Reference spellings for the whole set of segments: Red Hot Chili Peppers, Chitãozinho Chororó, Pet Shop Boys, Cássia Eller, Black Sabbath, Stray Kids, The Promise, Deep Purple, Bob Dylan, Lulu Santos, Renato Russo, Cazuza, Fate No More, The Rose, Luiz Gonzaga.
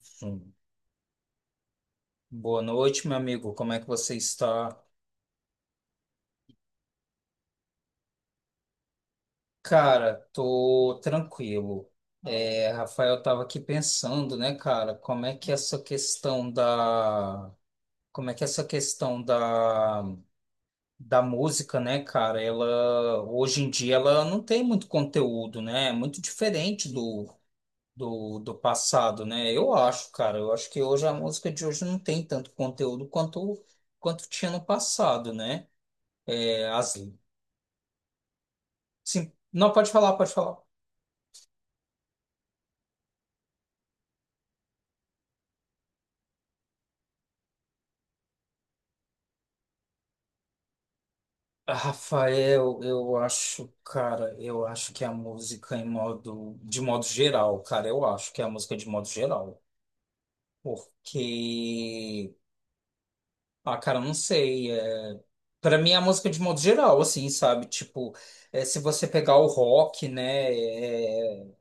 Sim. Boa noite, meu amigo. Como é que você está? Cara, tô tranquilo. É, Rafael, eu tava aqui pensando, né, cara, como é que essa questão da, como é que essa questão da, da música, né, cara, ela hoje em dia ela não tem muito conteúdo, né? É muito diferente do passado, né? Eu acho, cara, eu acho que hoje a música de hoje não tem tanto conteúdo quanto tinha no passado, né? É, as Sim. Não, pode falar, pode falar. Rafael, eu acho, cara, eu acho que a música de modo geral, cara, eu acho que é a música de modo geral, porque, ah, cara, eu não sei, é, para mim é a música de modo geral, assim, sabe, tipo, é, se você pegar o rock, né, é,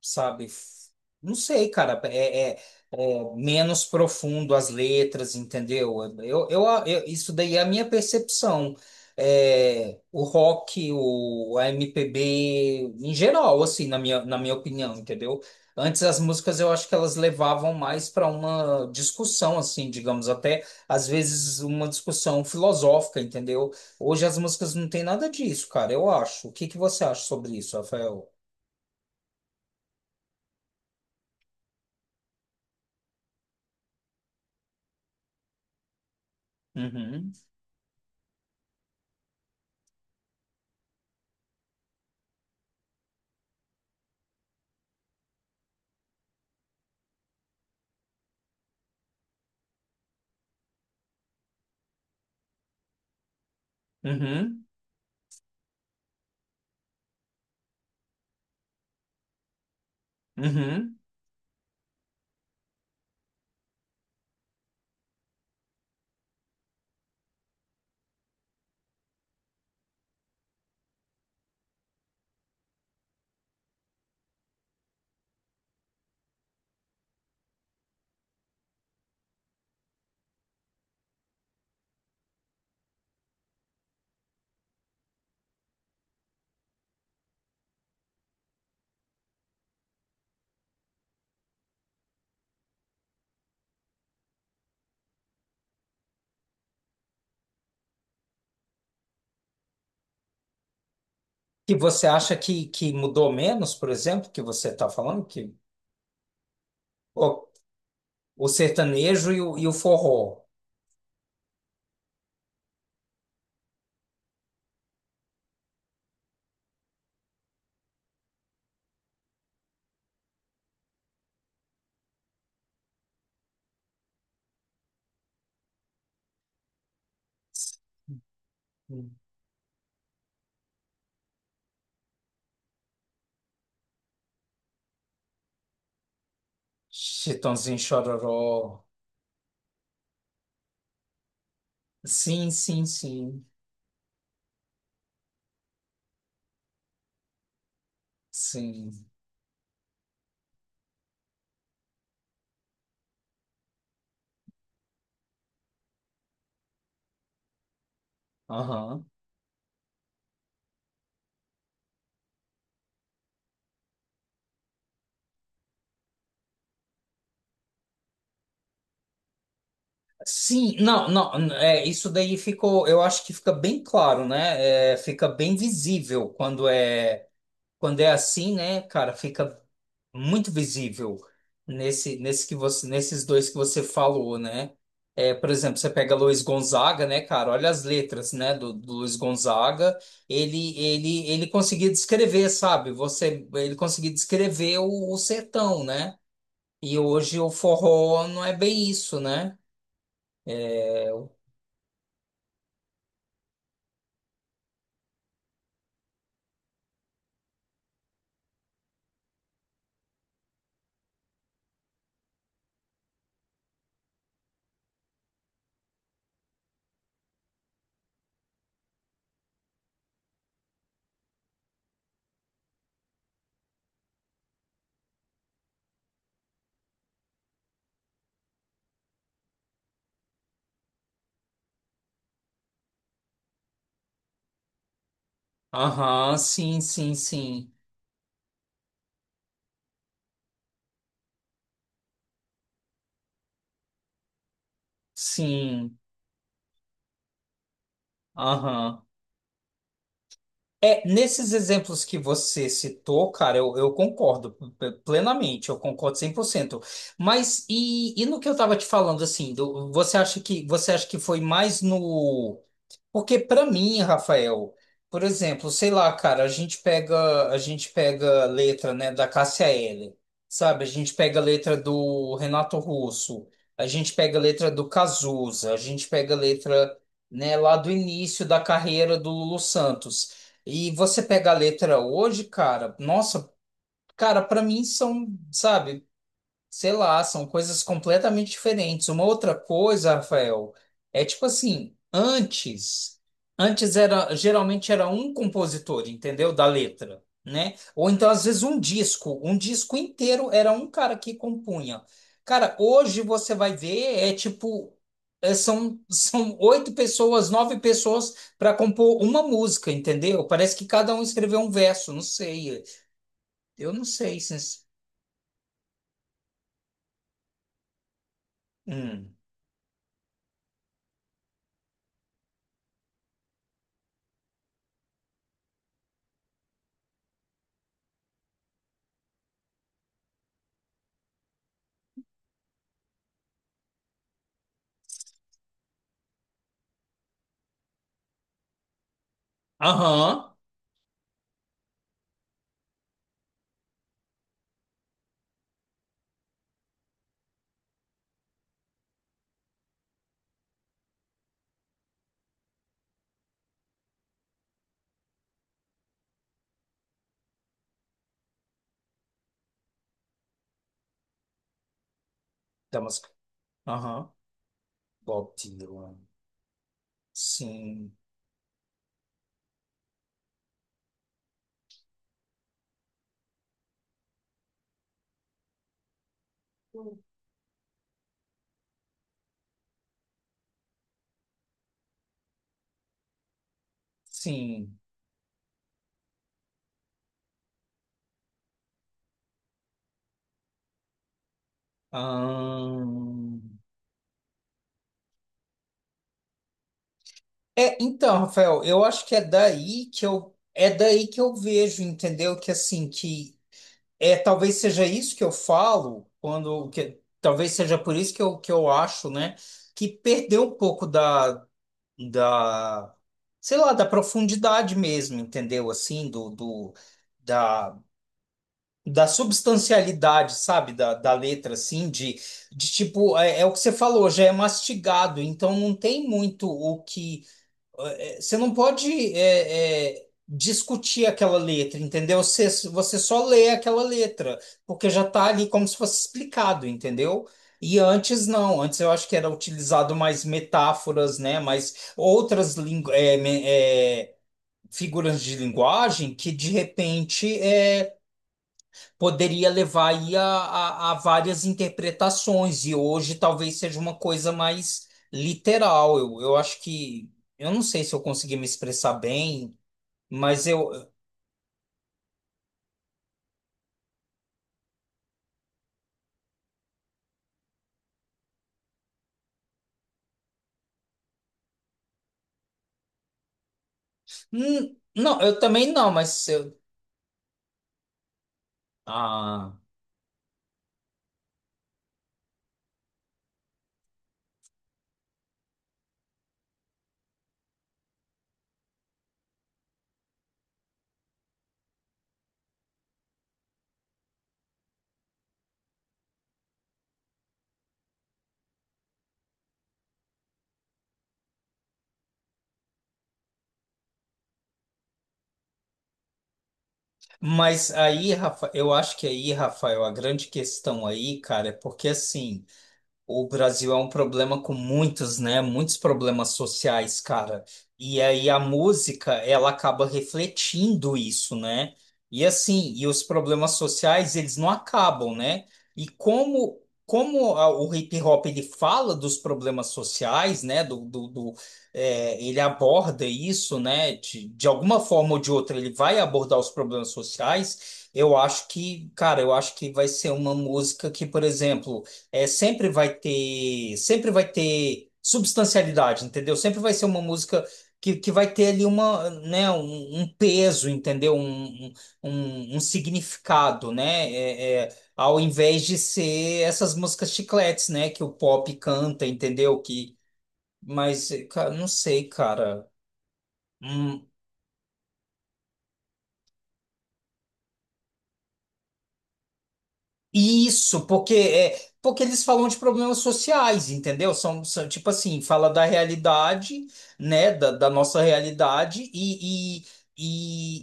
sabe? Não sei, cara. É menos profundo as letras, entendeu? Isso daí é a minha percepção. É, o rock, a MPB, em geral, assim, na minha opinião, entendeu? Antes as músicas eu acho que elas levavam mais para uma discussão, assim, digamos, até às vezes uma discussão filosófica, entendeu? Hoje as músicas não têm nada disso, cara, eu acho. O que que você acha sobre isso, Rafael? Uhum. Uhum. Uhum. Que você acha que mudou menos, por exemplo, que você está falando, que o, o sertanejo e e o forró. Hum. Chitãozinho Chororó. Sim, sim, sim. Sim. Aham. Sim, não, não, é, isso daí ficou, eu acho que fica bem claro, né? É, fica bem visível quando é assim, né, cara? Fica muito visível nesses dois que você falou, né? É, por exemplo, você pega Luiz Gonzaga, né, cara? Olha as letras, né, do Luiz Gonzaga. Ele conseguia descrever, sabe? Ele conseguia descrever o sertão, né? E hoje o forró não é bem isso, né? Aham, sim, sim, sim, sim, aham. É, nesses exemplos que você citou, cara, eu concordo plenamente, eu concordo 100%. Mas e no que eu tava te falando, assim, você acha que foi mais no porque para mim, Rafael, por exemplo, sei lá, cara, a gente pega letra, né, da Cássia Eller, sabe? A gente pega a letra do Renato Russo, a gente pega a letra do Cazuza, a gente pega a letra, né, lá do início da carreira do Lulu Santos. E você pega a letra hoje, cara, nossa, cara, para mim são, sabe? Sei lá, são coisas completamente diferentes. Uma outra coisa, Rafael, é tipo assim, antes era geralmente era um compositor, entendeu? Da letra, né? Ou então às vezes um disco, inteiro era um cara que compunha. Cara, hoje você vai ver é tipo são oito pessoas, nove pessoas para compor uma música, entendeu? Parece que cada um escreveu um verso, não sei. Eu não sei se. Hum. Aham. Tá, mas. Aham. Bob Dylan. Sim, sim. Ahn. É, então, Rafael, eu acho que é daí que eu vejo, entendeu? Que assim, que é talvez seja isso que eu falo quando que talvez seja por isso que eu, acho, né, que perdeu um pouco da sei lá, da profundidade mesmo, entendeu? Assim, do do da da substancialidade, sabe, da letra, assim, de tipo, é o que você falou, já é mastigado, então não tem muito o que. Você não pode discutir aquela letra, entendeu? Você só lê aquela letra, porque já tá ali como se fosse explicado, entendeu? E antes não, antes eu acho que era utilizado mais metáforas, né? Mais outras lingu é, me- é, figuras de linguagem que de repente poderia levar aí a várias interpretações, e hoje talvez seja uma coisa mais literal. Eu acho que. Eu não sei se eu consegui me expressar bem, mas eu. Hum. Não, eu também não, mas eu. Ah. Mas aí, Rafa, eu acho que aí, Rafael, a grande questão aí, cara, é porque assim. O Brasil é um problema com muitos, né? Muitos problemas sociais, cara. E aí a música, ela acaba refletindo isso, né? E assim, e os problemas sociais, eles não acabam, né? E como o hip hop ele fala dos problemas sociais, né? Ele aborda isso, né? De alguma forma ou de outra, ele vai abordar os problemas sociais. Eu acho que, cara, eu acho que vai ser uma música que, por exemplo sempre vai ter substancialidade, entendeu? Sempre vai ser uma música que vai ter ali uma, né, um peso, entendeu? Um significado, né? Ao invés de ser essas músicas chicletes, né? Que o pop canta, entendeu? Que, mas, cara, não sei, cara. Hum. Isso, porque eles falam de problemas sociais, entendeu? São, tipo assim, fala da realidade, né, da nossa realidade e, e,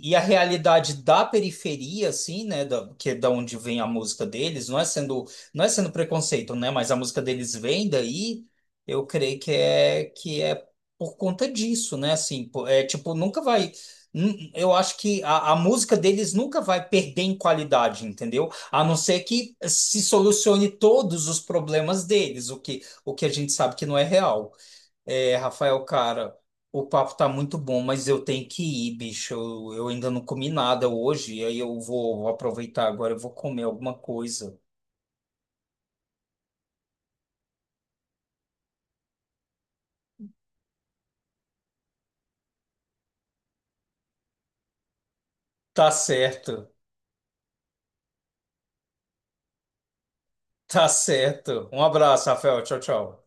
e, e a realidade da periferia, assim, né, da, que é da onde vem a música deles, não é sendo preconceito, né, mas a música deles vem daí, eu creio que é por conta disso, né, assim, pô, é tipo nunca vai, nu- eu acho que a música deles nunca vai perder em qualidade, entendeu? A não ser que se solucione todos os problemas deles, o que a gente sabe que não é real. É, Rafael, cara, o papo tá muito bom, mas eu tenho que ir, bicho. Eu ainda não comi nada hoje, e aí eu vou aproveitar agora, eu vou comer alguma coisa. Tá certo, tá certo. Um abraço, Rafael. Tchau, tchau.